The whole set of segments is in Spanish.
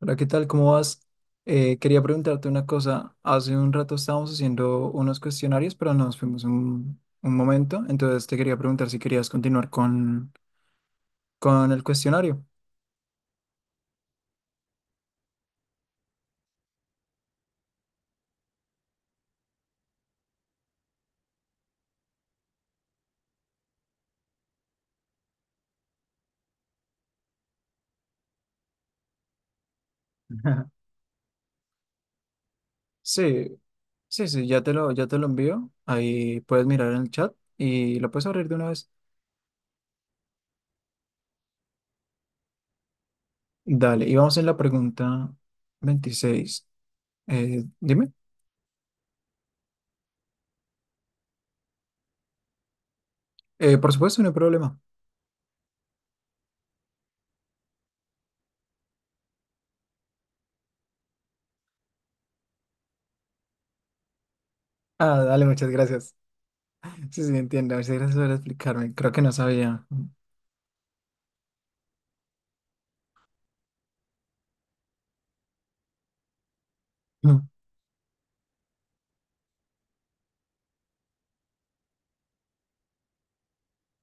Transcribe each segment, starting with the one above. Hola, ¿qué tal? ¿Cómo vas? Quería preguntarte una cosa. Hace un rato estábamos haciendo unos cuestionarios, pero nos fuimos un momento. Entonces te quería preguntar si querías continuar con el cuestionario. Sí, sí, sí, ya te lo envío. Ahí puedes mirar en el chat y lo puedes abrir de una vez. Dale, y vamos en la pregunta 26. Dime. Por supuesto, no hay problema. Ah, dale, muchas gracias. Sí, sí, entiendo. Muchas gracias por explicarme. Creo que no sabía.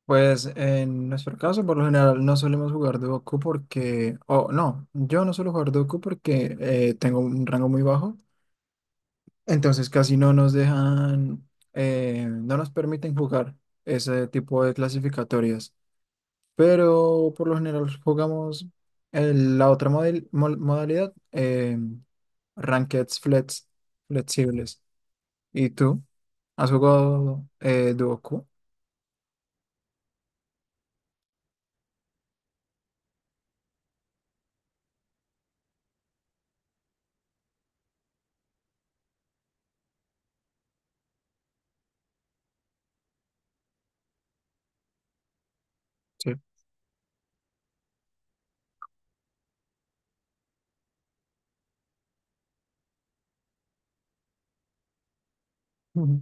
Pues en nuestro caso, por lo general, no solemos jugar Doku porque, o no, yo no suelo jugar Doku porque tengo un rango muy bajo, entonces casi no nos dejan, no nos permiten jugar ese tipo de clasificatorias. Pero por lo general jugamos la otra modalidad, Rankeds flex, flexibles. ¿Y tú? ¿Has jugado Doku? Sí. Ujú.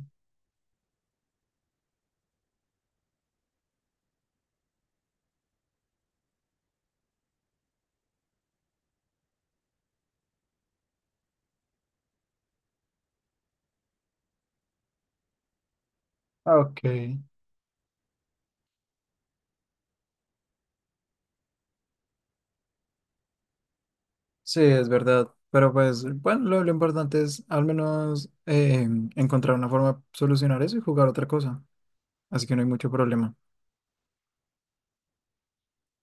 Ah, ok. Sí, es verdad. Pero pues, bueno, lo importante es al menos encontrar una forma de solucionar eso y jugar otra cosa. Así que no hay mucho problema.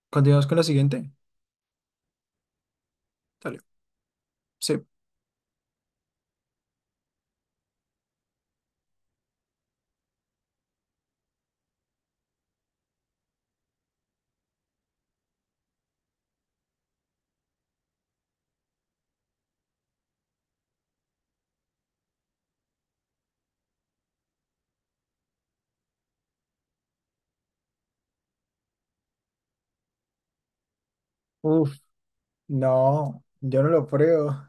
Continuamos con la siguiente. Dale. Sí. Uf, no, yo no lo pruebo.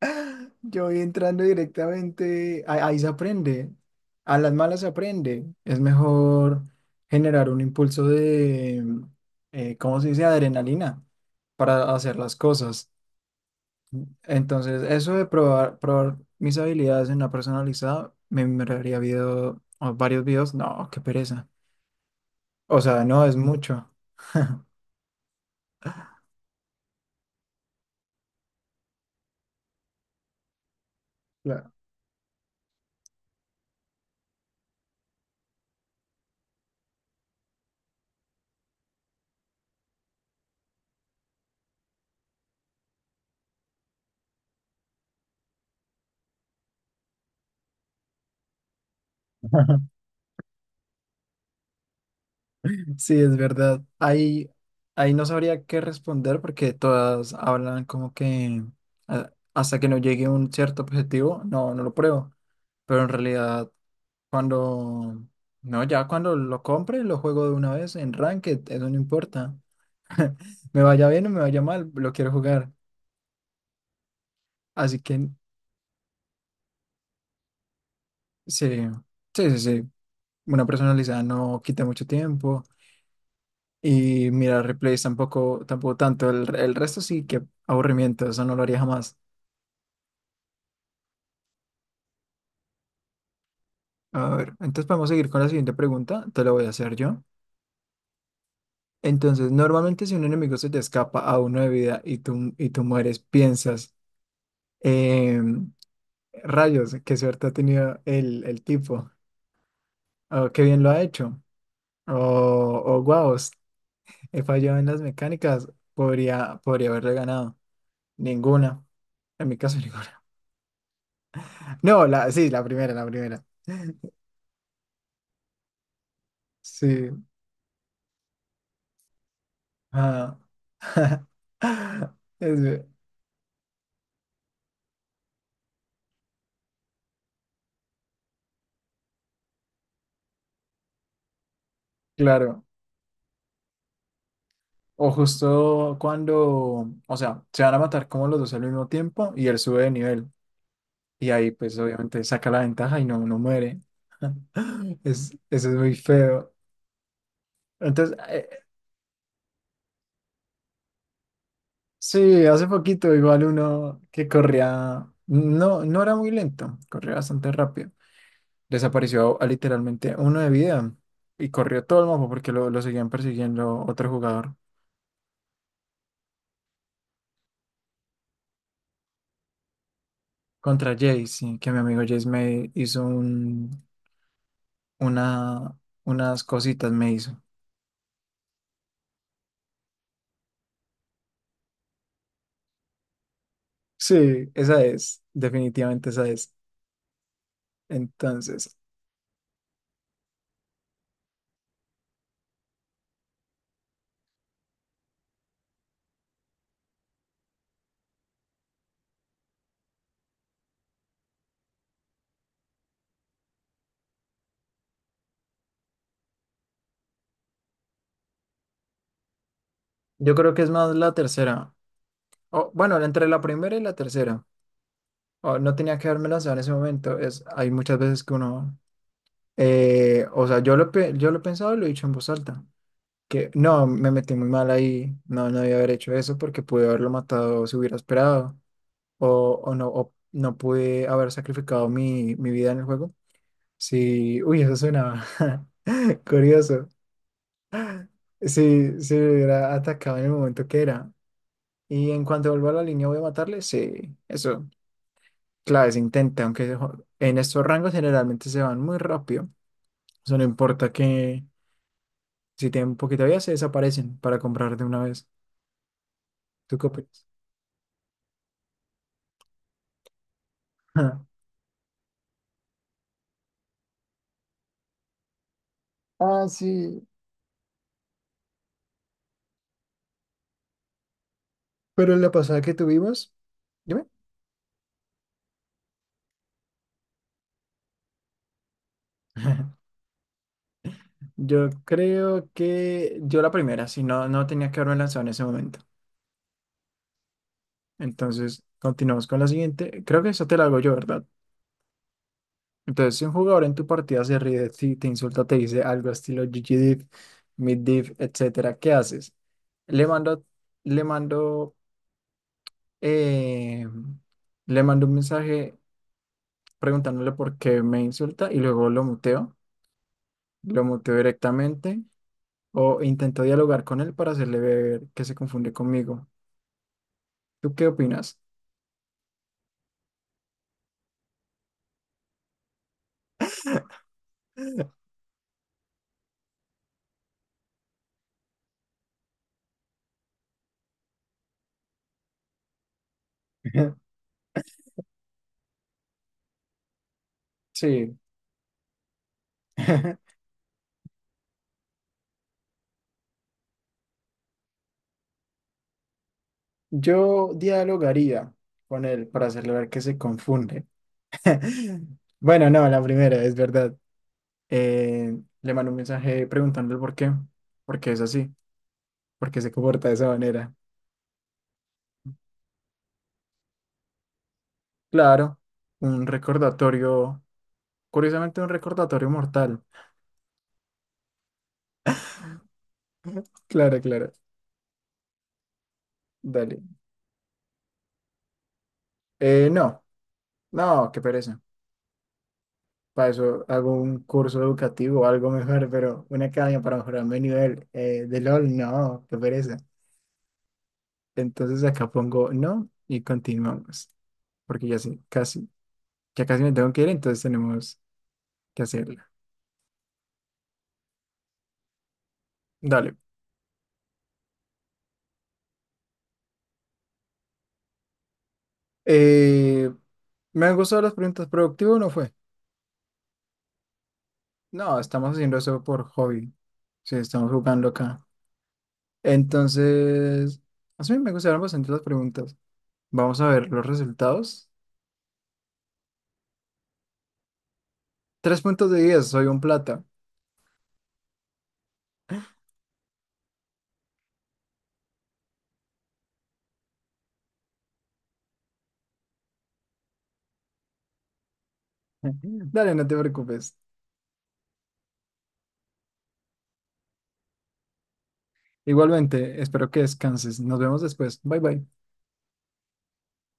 Yo voy entrando directamente, ahí se aprende, a las malas se aprende. Es mejor generar un impulso de, ¿cómo se dice? Adrenalina para hacer las cosas. Entonces, eso de probar mis habilidades en la personalizada, me miraría video, o varios videos. No, qué pereza. O sea, no es mucho. Claro. Sí, es verdad. Ahí no sabría qué responder porque todas hablan como que hasta que no llegue a un cierto objetivo, no, no lo pruebo. Pero en realidad, cuando, no, ya cuando lo compre, lo juego de una vez en Ranked, eso no importa. Me vaya bien o me vaya mal, lo quiero jugar. Así que sí, sí, sí, sí. Una personalizada no quita mucho tiempo. Y mirar replays tampoco, tampoco tanto. El resto sí, que aburrimiento, eso no lo haría jamás. A ver, entonces podemos seguir con la siguiente pregunta, te la voy a hacer yo. Entonces, normalmente si un enemigo se te escapa a 1 de vida y tú mueres, piensas, em, rayos, qué suerte ha tenido el tipo, o qué bien lo ha hecho, o, o guau, he fallado en las mecánicas, podría haberle ganado. Ninguna. En mi caso, ninguna. No, la, sí, la primera, la primera. Sí. Ah. Es- ve- claro. O justo cuando, o sea, se van a matar como los dos al mismo tiempo y él sube de nivel. Y ahí, pues, obviamente saca la ventaja y no muere. Es, eso es muy feo. Entonces, sí, hace poquito igual uno que corría, no era muy lento, corría bastante rápido. Desapareció a literalmente 1 de vida y corrió todo el mapa porque lo seguían persiguiendo otro jugador contra Jace, sí, que mi amigo Jace me hizo un, una, unas cositas, me hizo. Sí, esa es, definitivamente esa es. Entonces, yo creo que es más la tercera. O, bueno, entre la primera y la tercera. O, no tenía que haberme lanzado en ese momento. Es, hay muchas veces que uno... o sea, yo lo he pensado y lo he dicho en voz alta. Que no, me metí muy mal ahí. No debía haber hecho eso porque pude haberlo matado si hubiera esperado. O no pude haber sacrificado mi vida en el juego. Sí, uy, eso suena curioso. Sí, sí me hubiera atacado en el momento que era. Y en cuanto vuelva a la línea, voy a matarle. Sí, eso. Claro, se intenta, aunque en estos rangos generalmente se van muy rápido. O sea, no importa que si tienen poquita vida, se desaparecen para comprar de una vez. ¿Tú qué opinas? Ah, sí. Pero la pasada que tuvimos, dime. Yo creo que yo la primera, si no, no tenía que haberme lanzado en ese momento. Entonces, continuamos con la siguiente. Creo que eso te la hago yo, ¿verdad? Entonces, si un jugador en tu partida se ríe de ti, te insulta, te dice algo estilo GGDiv, MidDiv, etcétera, ¿qué haces? Le mando, le mando, eh, le mando un mensaje preguntándole por qué me insulta y luego lo muteo. Lo muteo directamente o intentó dialogar con él para hacerle ver que se confundió conmigo. ¿Tú qué opinas? Sí, yo dialogaría con él para hacerle ver que se confunde. Bueno, no, la primera, es verdad. Le mandó un mensaje preguntándole por qué es así, por qué se comporta de esa manera. Claro, un recordatorio, curiosamente un recordatorio mortal. Claro, claro, dale. No, no, qué pereza. Para eso hago un curso educativo o algo mejor, pero una academia para mejorar mi nivel de LOL, no, qué pereza. Entonces acá pongo no y continuamos, porque ya sí, casi, ya casi me tengo que ir, entonces tenemos que hacerla. Dale. Eh, ¿Me han gustado las preguntas? ¿Productivo o no fue? No, estamos haciendo eso por hobby. Sí, estamos jugando acá. Entonces, a mí me gustaron bastante las preguntas. Vamos a ver los resultados. 3 puntos de 10 soy un plata. Dale, no te preocupes. Igualmente, espero que descanses. Nos vemos después. Bye bye.